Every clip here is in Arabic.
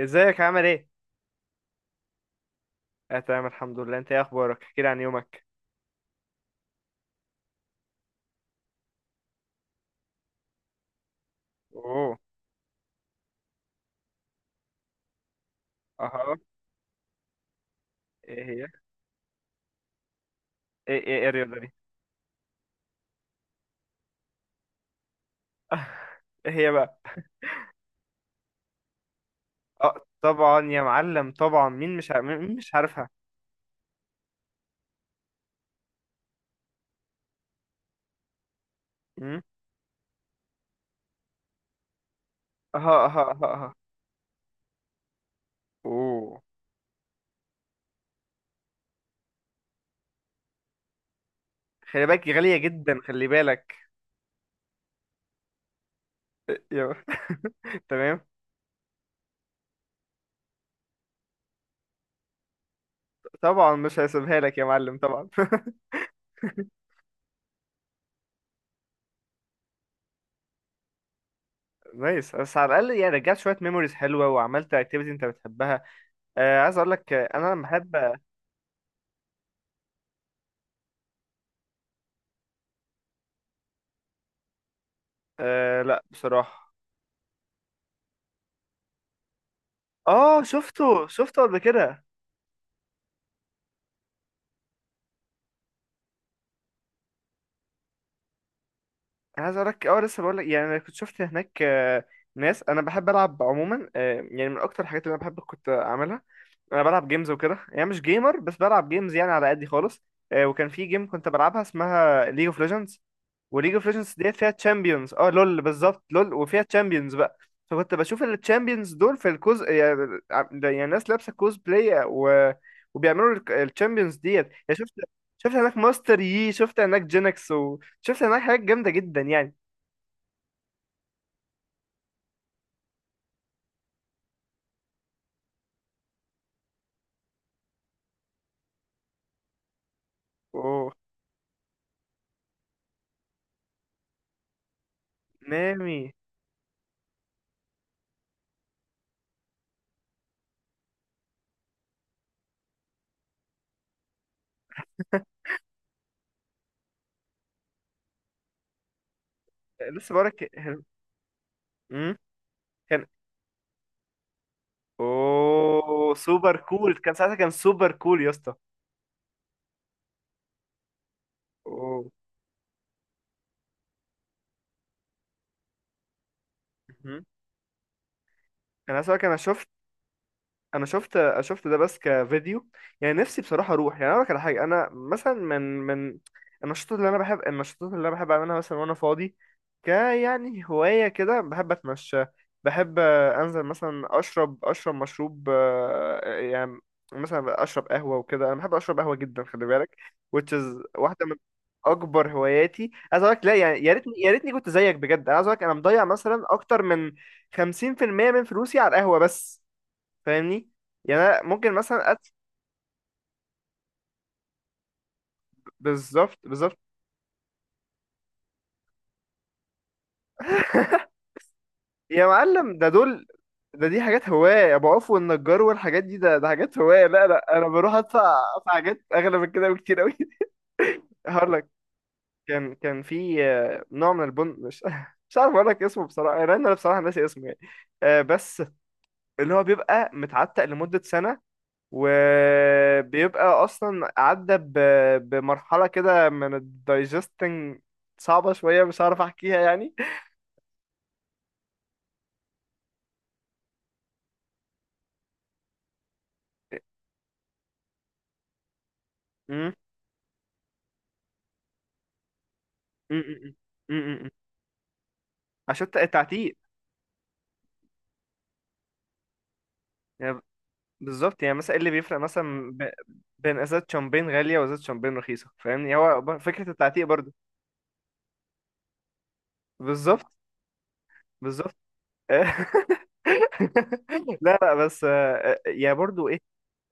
ازيك عامل ايه؟ اه، تمام الحمد لله. انت ايه اخبارك؟ احكي لي عن يومك. اوه. اها. ايه هي؟ ايه الرياضة دي؟ ايه هي بقى؟ اه طبعا يا معلم، طبعا. مين مش عارفها؟ امم. اها اها اها اها. اوه. خلي بالك غالية جدا، خلي بالك. يا- تمام. طبعا مش هسيبها لك يا معلم، طبعا. نايس، بس على الاقل يعني رجعت شويه ميموريز حلوه وعملت اكتيفيتي انت بتحبها. عايز اقول لك، انا لما بحب. آه، لا بصراحه. اه، شفته شفته قبل كده. انا عايز اقولك، لسه بقولك يعني انا كنت شفت هناك، ناس. انا بحب العب عموما، يعني من اكتر الحاجات اللي انا بحب كنت اعملها. انا بلعب جيمز وكده، يعني مش جيمر، بس بلعب جيمز يعني على قدي خالص. وكان في جيم كنت بلعبها اسمها ليج اوف ليجندز. وليج اوف ليجندز ديت فيها تشامبيونز. اه لول، بالظبط لول، وفيها تشامبيونز بقى. فكنت بشوف التشامبيونز دول في الكوز يعني. يعني ناس لابسه كوز بلاي وبيعملوا التشامبيونز ديت يعني شفت. شفت هناك ماستر يي، شفت هناك جينكس، وشفت هناك حاجات جامده جدا يعني. اوه. نامي. لسه بقولك. مم. كان اوه سوبر كول، كان ساعتها كان سوبر كول يا اسطى. اوه. مهم. انا ساعتها انا شفت. انا شفت ده بس كفيديو. يعني نفسي بصراحه اروح، يعني اقول لك على حاجه. انا مثلا من النشاطات اللي انا بحب، النشاطات اللي انا بحب اعملها مثلا وانا فاضي. يعني هوايه كده، بحب اتمشى. بحب، انزل مثلا اشرب مشروب، يعني مثلا اشرب قهوه وكده. انا بحب اشرب قهوه جدا، خلي بالك. Which is واحده من اكبر هواياتي، عايز اقول لك. لا يعني، يا ريتني يا ريتني كنت زيك بجد. انا عايز اقول لك، انا مضيع مثلا اكتر من 50% من فلوسي على القهوه بس. فاهمني، يعني انا ممكن مثلا بالظبط، بالظبط. يا معلم، ده دول. ده دي حاجات هواية أبو عوف والنجار والحاجات دي. ده حاجات هواية، لا لا، أنا بروح أدفع، أدفع حاجات أغلى من كده بكتير أوي. هقول لك. كان في، نوع من البن، مش مش عارف أقول لك اسمه بصراحة، لأن أنا بصراحة ناسي اسمه يعني. بس اللي هو بيبقى متعتق لمدة سنة، وبيبقى أصلا عدى بمرحلة كده من الدايجستنج صعبة شوية، مش عارف أحكيها يعني. امم. امم. امم. عشان التعتيق يعني، بالظبط. يعني مثلا ايه اللي بيفرق مثلا بين ازازه شامبين غاليه وازازه شامبين رخيصه، فاهمني. هو فكره التعتيق برضو. بالظبط، بالظبط. لا لا، بس برضو،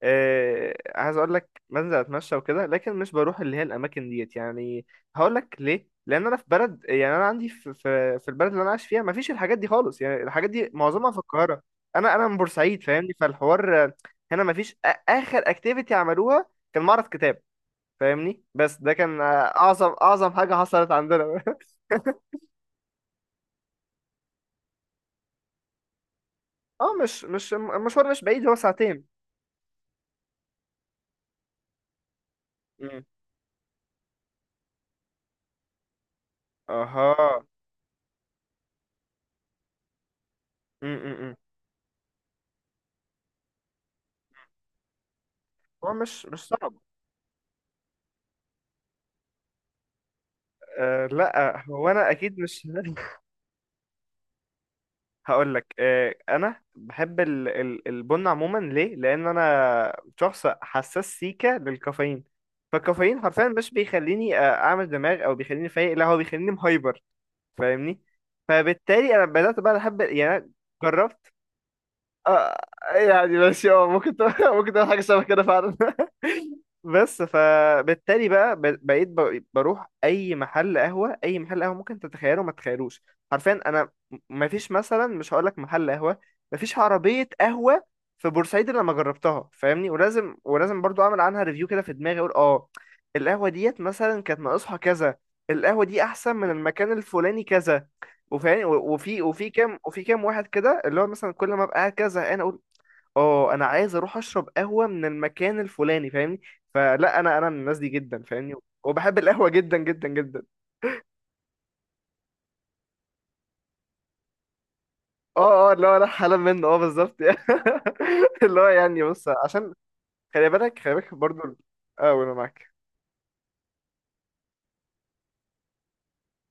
عايز اقول لك بنزل اتمشى وكده، لكن مش بروح اللي هي الاماكن ديت يعني. هقول لك ليه: لان انا في بلد، يعني انا عندي في البلد اللي انا عايش فيها ما فيش الحاجات دي خالص يعني، الحاجات دي معظمها في القاهره. انا من بورسعيد، فاهمني. فالحوار هنا ما فيش. اخر اكتيفيتي عملوها كان معرض كتاب، فاهمني. بس ده كان اعظم اعظم حاجه حصلت عندنا. اه، مش المشوار مش بعيد، هو ساعتين. مم. اها. مم، مم، مم. هو مش صعب. آه لا، هو انا اكيد مش. هقول لك، انا بحب البن عموما. ليه؟ لان انا شخص حساس سيكا للكافيين. فالكافيين حرفيا مش بيخليني، اعمل دماغ او بيخليني فايق، لا هو بيخليني مهايبر، فاهمني. فبالتالي انا بدات بقى احب، يعني أنا جربت. آه. يعني ماشي، ممكن ممكن تعمل حاجة شبه كده فعلا. بس فبالتالي بقى بقيت بروح أي محل قهوة، ممكن تتخيله ما تتخيلوش. حرفيا أنا مفيش مثلا، مش هقولك محل قهوة، مفيش عربية قهوة في بورسعيد إلا لما جربتها، فاهمني. ولازم، برضو أعمل عنها ريفيو كده في دماغي، أقول: أه القهوة ديت مثلا كانت ناقصها كذا، القهوة دي أحسن من المكان الفلاني كذا. وفي كام واحد كده اللي هو مثلا كل ما ابقى قاعد كده زهقان اقول، اه انا عايز اروح اشرب قهوه من المكان الفلاني، فاهمني. فلا، انا من الناس دي جدا، فاهمني. وبحب القهوه جدا جدا جدا. اه اه، اللي هو انا حالا منه، اه بالظبط. اللي هو يعني بص، عشان خلي بالك، خلي بالك برضو. اه، وانا معاك.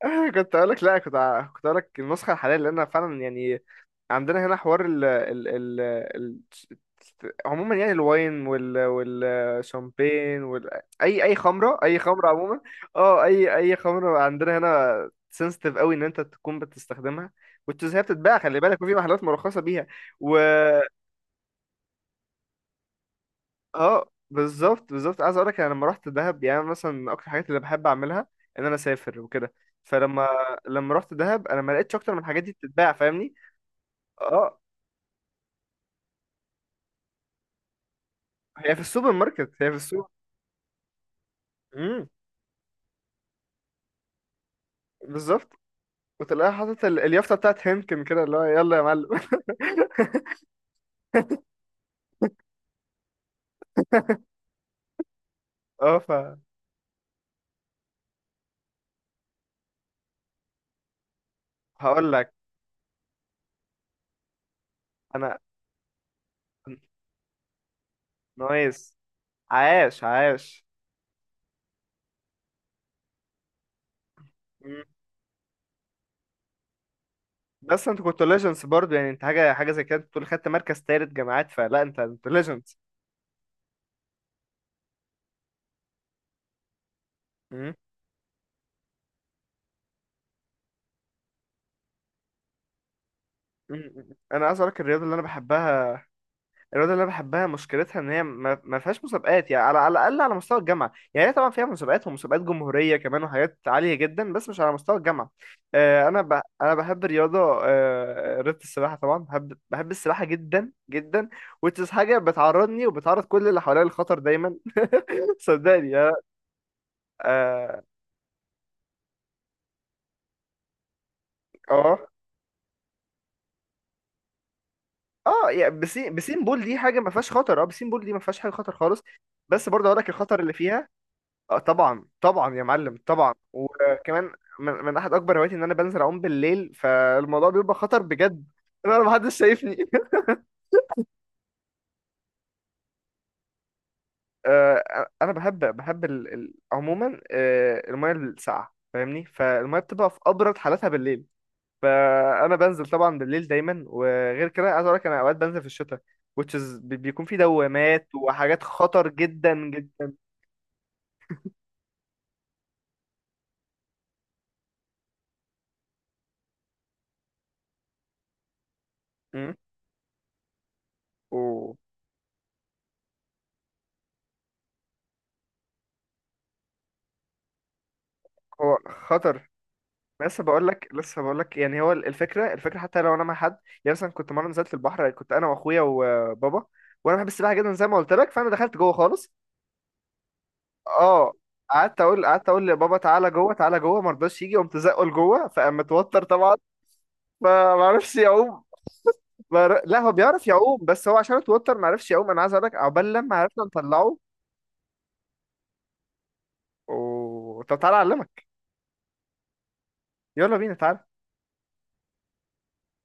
كنت اقول لك لا، كنت اقول لك النسخه الحاليه، لان فعلا يعني عندنا هنا حوار ال- عموما يعني الواين، والشامبين، اي خمره، عموما. اه اي خمره عندنا هنا سنسيتيف قوي ان انت تكون بتستخدمها وتزهق، بتتباع، خلي بالك، وفي محلات مرخصه بيها. اه بالظبط، بالظبط. عايز اقولك، انا لما رحت دهب، يعني أنا مثلا من اكتر الحاجات اللي بحب اعملها ان انا اسافر وكده. فلما لما رحت دهب انا ما لقيتش اكتر من الحاجات دي بتتباع، فاهمني. اه، هي في السوبر ماركت، هي في السوق. امم. بالظبط. وتلاقيها حاطط اليافطه بتاعت هنكن كده، اللي هو يلا يا معلم. اه، هقول لك. انا. نايس. عاش، عاش. مم. بس انت كنت ليجندز برضه، يعني انت حاجه حاجه زي كده، انت بتقول خدت مركز تالت جامعات، فلا انت انت ليجندز. مم. انا عايز اقولك، الرياضه اللي انا بحبها مشكلتها ان هي ما فيهاش مسابقات، يعني على الاقل على مستوى الجامعه. يعني هي طبعا فيها مسابقات، ومسابقات جمهوريه كمان، وحاجات عاليه جدا، بس مش على مستوى الجامعه. انا انا بحب الرياضه. رياضه السباحه، طبعا بحب، السباحه جدا جدا. وتس حاجه بتعرضني وبتعرض كل اللي حواليا للخطر دايما. صدقني، اه. اه، اه. يعني بسين بول دي حاجه ما فيهاش خطر. اه، بسين بول دي ما فيهاش حاجه خطر خالص. بس برضه اقول لك الخطر اللي فيها. اه طبعا طبعا يا معلم، طبعا، وكمان من احد اكبر هواياتي ان انا بنزل اعوم بالليل، فالموضوع بيبقى خطر بجد. انا ما حدش شايفني. آه، انا بحب، عموما الميه الساقعه، فاهمني. فالميه بتبقى في ابرد حالاتها بالليل، فانا بنزل طبعا بالليل دايما. وغير كده عايز اقول لك، انا اوقات بنزل في الشتاء، which is بيكون في دوامات وحاجات خطر جدا جدا. مم. وهو خطر. لسه بقول لك يعني، هو الفكره، حتى لو انا مع حد. يعني مثلا كنت مره نزلت البحر، كنت انا واخويا وبابا، وانا بحب السباحه جدا زي ما قلت لك، فانا دخلت جوه خالص. اه. قعدت اقول لبابا تعالى جوه، تعالى جوه، ما رضاش يجي، قمت زقه لجوه، فقام متوتر طبعا، فما عرفش يعوم. لا، هو بيعرف يعوم، بس هو عشان اتوتر ما عرفش يعوم. انا عايز اقول لك عقبال لما عرفنا نطلعه. طب تعالى اعلمك. يلا بينا، تعالى.